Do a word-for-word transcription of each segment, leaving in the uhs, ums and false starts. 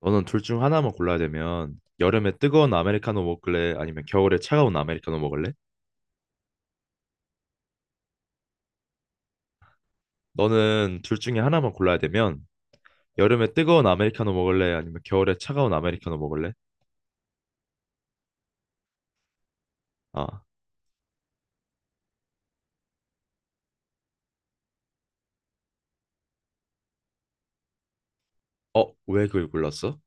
너는 둘 중 하나만 골라야 되면 여름에 뜨거운 아메리카노 먹을래? 아니면 겨울에 차가운 아메리카노 먹을래? 너는 둘 중에 하나만 골라야 되면 여름에 뜨거운 아메리카노 먹을래? 아니면 겨울에 차가운 아메리카노 먹을래? 아, 어, 왜 그걸 골랐어?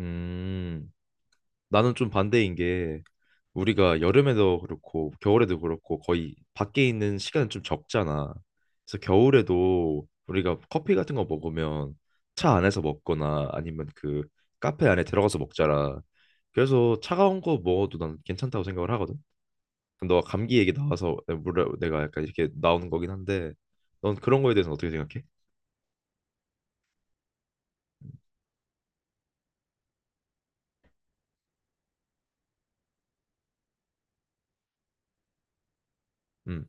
음, 나는 좀 반대인 게 우리가 여름에도 그렇고 겨울에도 그렇고 거의 밖에 있는 시간은 좀 적잖아. 그래서 겨울에도 우리가 커피 같은 거 먹으면 차 안에서 먹거나 아니면 그 카페 안에 들어가서 먹잖아. 그래서 차가운 거 먹어도 난 괜찮다고 생각을 하거든. 너가 감기 얘기 나와서 내가 물어- 내가 약간 이렇게 나오는 거긴 한데 넌 그런 거에 대해서는 어떻게 생각해? 음.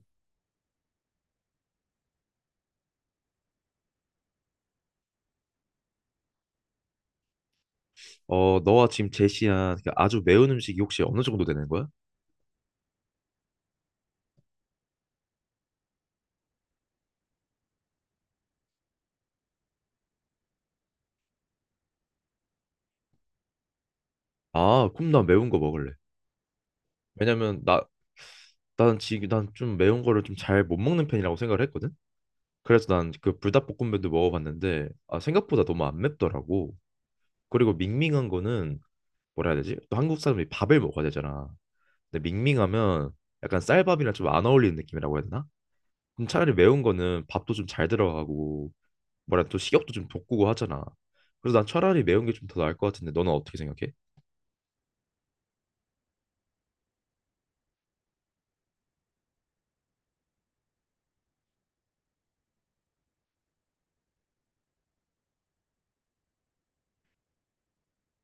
어, 너가 지금 제시한 그 아주 매운 음식이 혹시 어느 정도 되는 거야? 아, 그럼 나 매운 거 먹을래. 왜냐면 나 나는 지금 난좀 매운 거를 좀 잘 못 먹는 편이라고 생각을 했거든. 그래서 난 그 불닭볶음면도 먹어봤는데 아 생각보다 너무 안 맵더라고. 그리고 밍밍한 거는 뭐라 해야 되지? 또 한국 사람이 밥을 먹어야 되잖아. 근데 밍밍하면 약간 쌀밥이랑 좀 안 어울리는 느낌이라고 해야 되나? 그럼 차라리 매운 거는 밥도 좀 잘 들어가고 뭐라 또 식욕도 좀 돋구고 하잖아. 그래서 난 차라리 매운 게 좀 더 나을 것 같은데 너는 어떻게 생각해?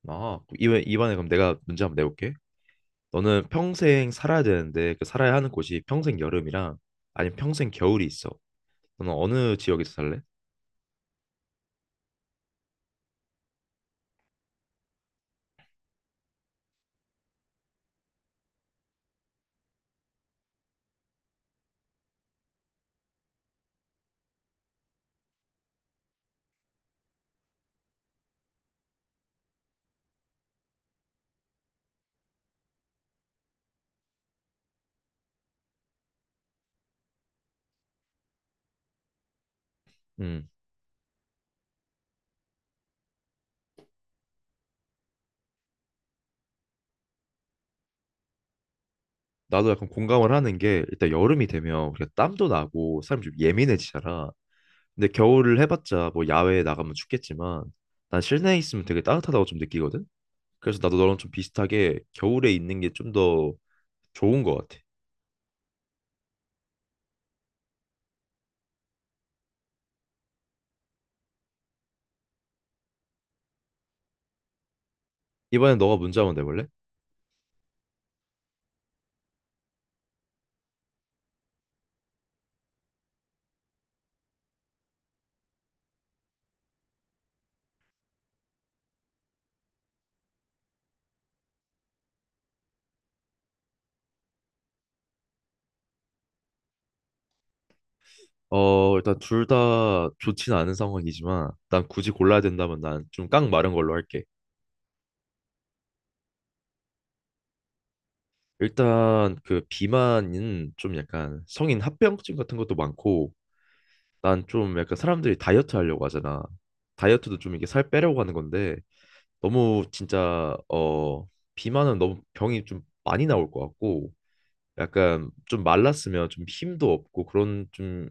아 이번 이번에 그럼 내가 문제 한번 내볼게. 너는 평생 살아야 되는데 그 살아야 하는 곳이 평생 여름이랑 아니면 평생 겨울이 있어. 너는 어느 지역에서 살래? 음, 나도 약간 공감을 하는 게 일단 여름이 되면 우리가 땀도 나고 사람 좀 예민해지잖아. 근데 겨울을 해봤자 뭐 야외에 나가면 춥겠지만 난 실내에 있으면 되게 따뜻하다고 좀 느끼거든. 그래서 나도 너랑 좀 비슷하게 겨울에 있는 게 좀 더 좋은 것 같아. 이번엔 너가 문제 한번 내볼래? 어, 일단 둘 다 좋진 않은 상황이지만 난 굳이 골라야 된다면 난 좀 깡 마른 걸로 할게. 일단 그 비만은 좀 약간 성인 합병증 같은 것도 많고 난 좀 약간 사람들이 다이어트 하려고 하잖아. 다이어트도 좀 이게 살 빼려고 하는 건데 너무 진짜 어 비만은 너무 병이 좀 많이 나올 것 같고 약간 좀 말랐으면 좀 힘도 없고 그런 좀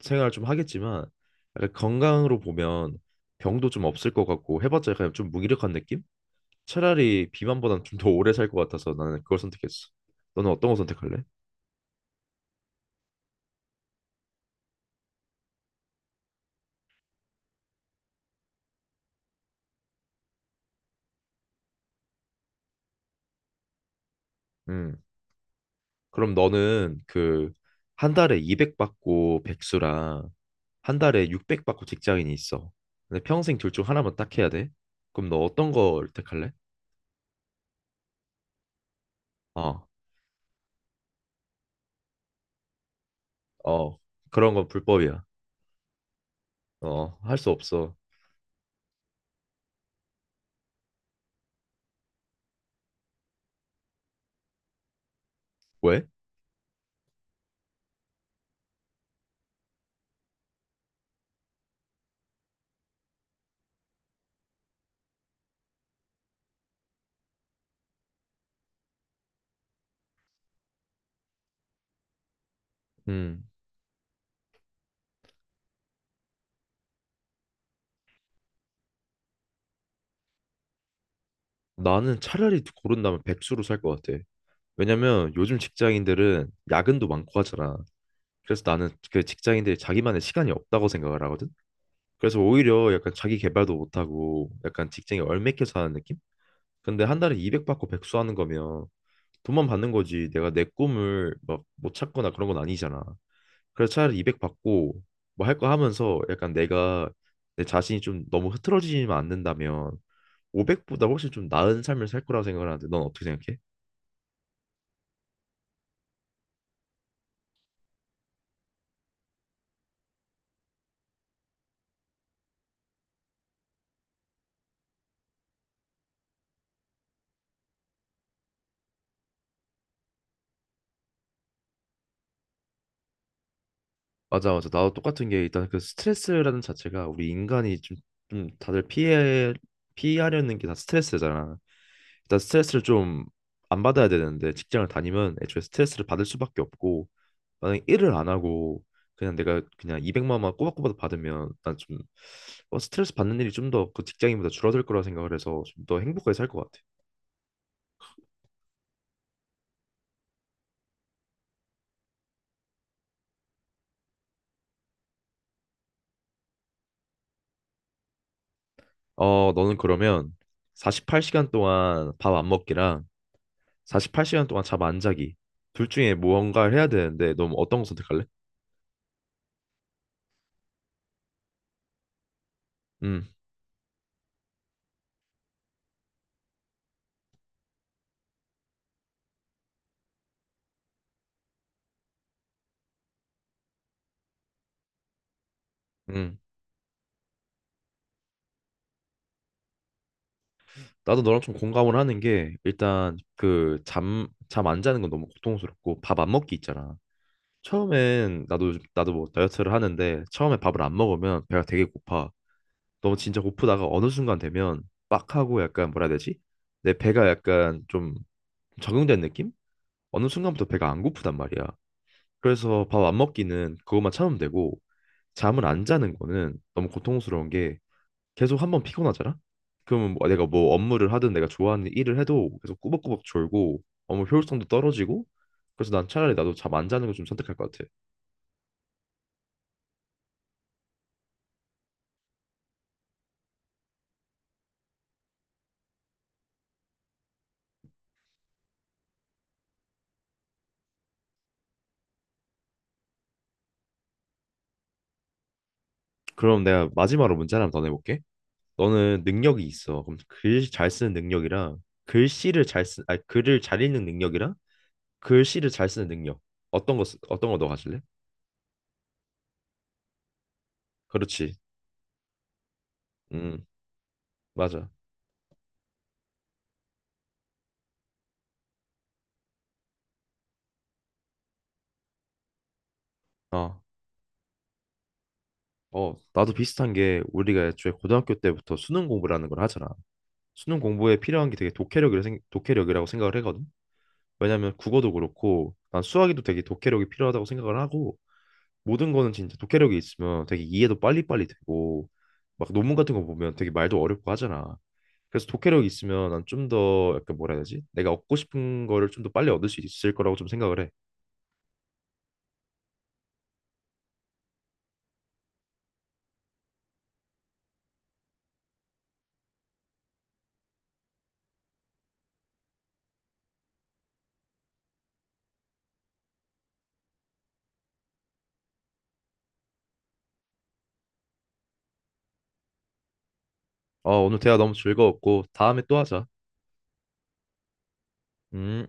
생활을 좀 하겠지만 약간 건강으로 보면 병도 좀 없을 것 같고 해봤자 약간 좀 무기력한 느낌? 차라리 비만보단 좀 더 오래 살 것 같아서 나는 그걸 선택했어. 너는 어떤 거 선택할래? 음. 그럼 너는 그 한 달에 이백 받고 백수랑 한 달에 육백 받고 직장인이 있어. 근데 평생 둘 중 하나만 딱 해야 돼. 그럼 너 어떤 걸 택할래? 어, 어, 그런 건 불법이야. 어, 할 수 없어. 왜? 음, 나는 차라리 고른다면 백수로 살 것 같아. 왜냐면 요즘 직장인들은 야근도 많고 하잖아. 그래서 나는 그 직장인들이 자기만의 시간이 없다고 생각을 하거든. 그래서 오히려 약간 자기 개발도 못하고 약간 직장에 얽매여 사는 느낌? 근데 한 달에 이백 받고 백수하는 거면 돈만 받는 거지. 내가 내 꿈을 막 못 찾거나 그런 건 아니잖아. 그래서 차라리 이백 받고 뭐 할 거 하면서 약간 내가 내 자신이 좀 너무 흐트러지지만 않는다면 오백보다 훨씬 좀 나은 삶을 살 거라고 생각을 하는데 넌 어떻게 생각해? 맞아, 맞아. 나도 똑같은 게 일단 그 스트레스라는 자체가 우리 인간이 좀, 좀 다들 피해 피하려는 게 다 스트레스잖아. 일단 스트레스를 좀 안 받아야 되는데 직장을 다니면 애초에 스트레스를 받을 수밖에 없고 만약에 일을 안 하고 그냥 내가 그냥 이백만 원 꼬박꼬박 받으면 난 좀 스트레스 받는 일이 좀 더 그 직장인보다 줄어들 거라 생각을 해서 좀 더 행복하게 살 것 같아. 어, 너는 그러면 사십팔 시간 동안 밥 안 먹기랑 사십팔 시간 동안 잠 안 자기 둘 중에 뭔가를 해야 되는데 너는 어떤 거 선택할래? 음, 음. 나도 너랑 좀 공감을 하는 게 일단 그 잠 잠 안 자는 건 너무 고통스럽고 밥 안 먹기 있잖아. 처음엔 나도 요즘- 나도 뭐 다이어트를 하는데 처음에 밥을 안 먹으면 배가 되게 고파. 너무 진짜 고프다가 어느 순간 되면 빡 하고 약간 뭐라 해야 되지? 내 배가 약간 좀 적응된 느낌? 어느 순간부터 배가 안 고프단 말이야. 그래서 밥 안 먹기는 그것만 참으면 되고 잠을 안 자는 거는 너무 고통스러운 게 계속 한 번 피곤하잖아? 그러면 뭐 내가 뭐 업무를 하든 내가 좋아하는 일을 해도 계속 꾸벅꾸벅 졸고 업무 효율성도 떨어지고 그래서 난 차라리 나도 잠 안 자는 걸 좀 선택할 것 같아. 그럼 내가 마지막으로 문제 하나 더 내볼게. 너는 능력이 있어. 그럼 글 잘 쓰는 능력이랑 글씨를 잘 쓰, 아니 글을 잘 읽는 능력이랑 글씨를 잘 쓰는 능력. 어떤 거 쓰- 어떤 거 너 가질래? 그렇지. 음, 맞아. 어. 어, 나도 비슷한 게 우리가 애초에 고등학교 때부터 수능 공부라는 걸 하잖아. 수능 공부에 필요한 게 되게 독해력이라 생, 독해력이라고 생각을 하거든. 왜냐면 국어도 그렇고 난 수학에도 되게 독해력이 필요하다고 생각을 하고 모든 거는 진짜 독해력이 있으면 되게 이해도 빨리빨리 되고 막 논문 같은 거 보면 되게 말도 어렵고 하잖아. 그래서 독해력이 있으면 난 좀 더 약간 뭐라 해야 되지? 내가 얻고 싶은 거를 좀 더 빨리 얻을 수 있을 거라고 좀 생각을 해. 어, 오늘 대화 너무 즐거웠고 다음에 또 하자. 음.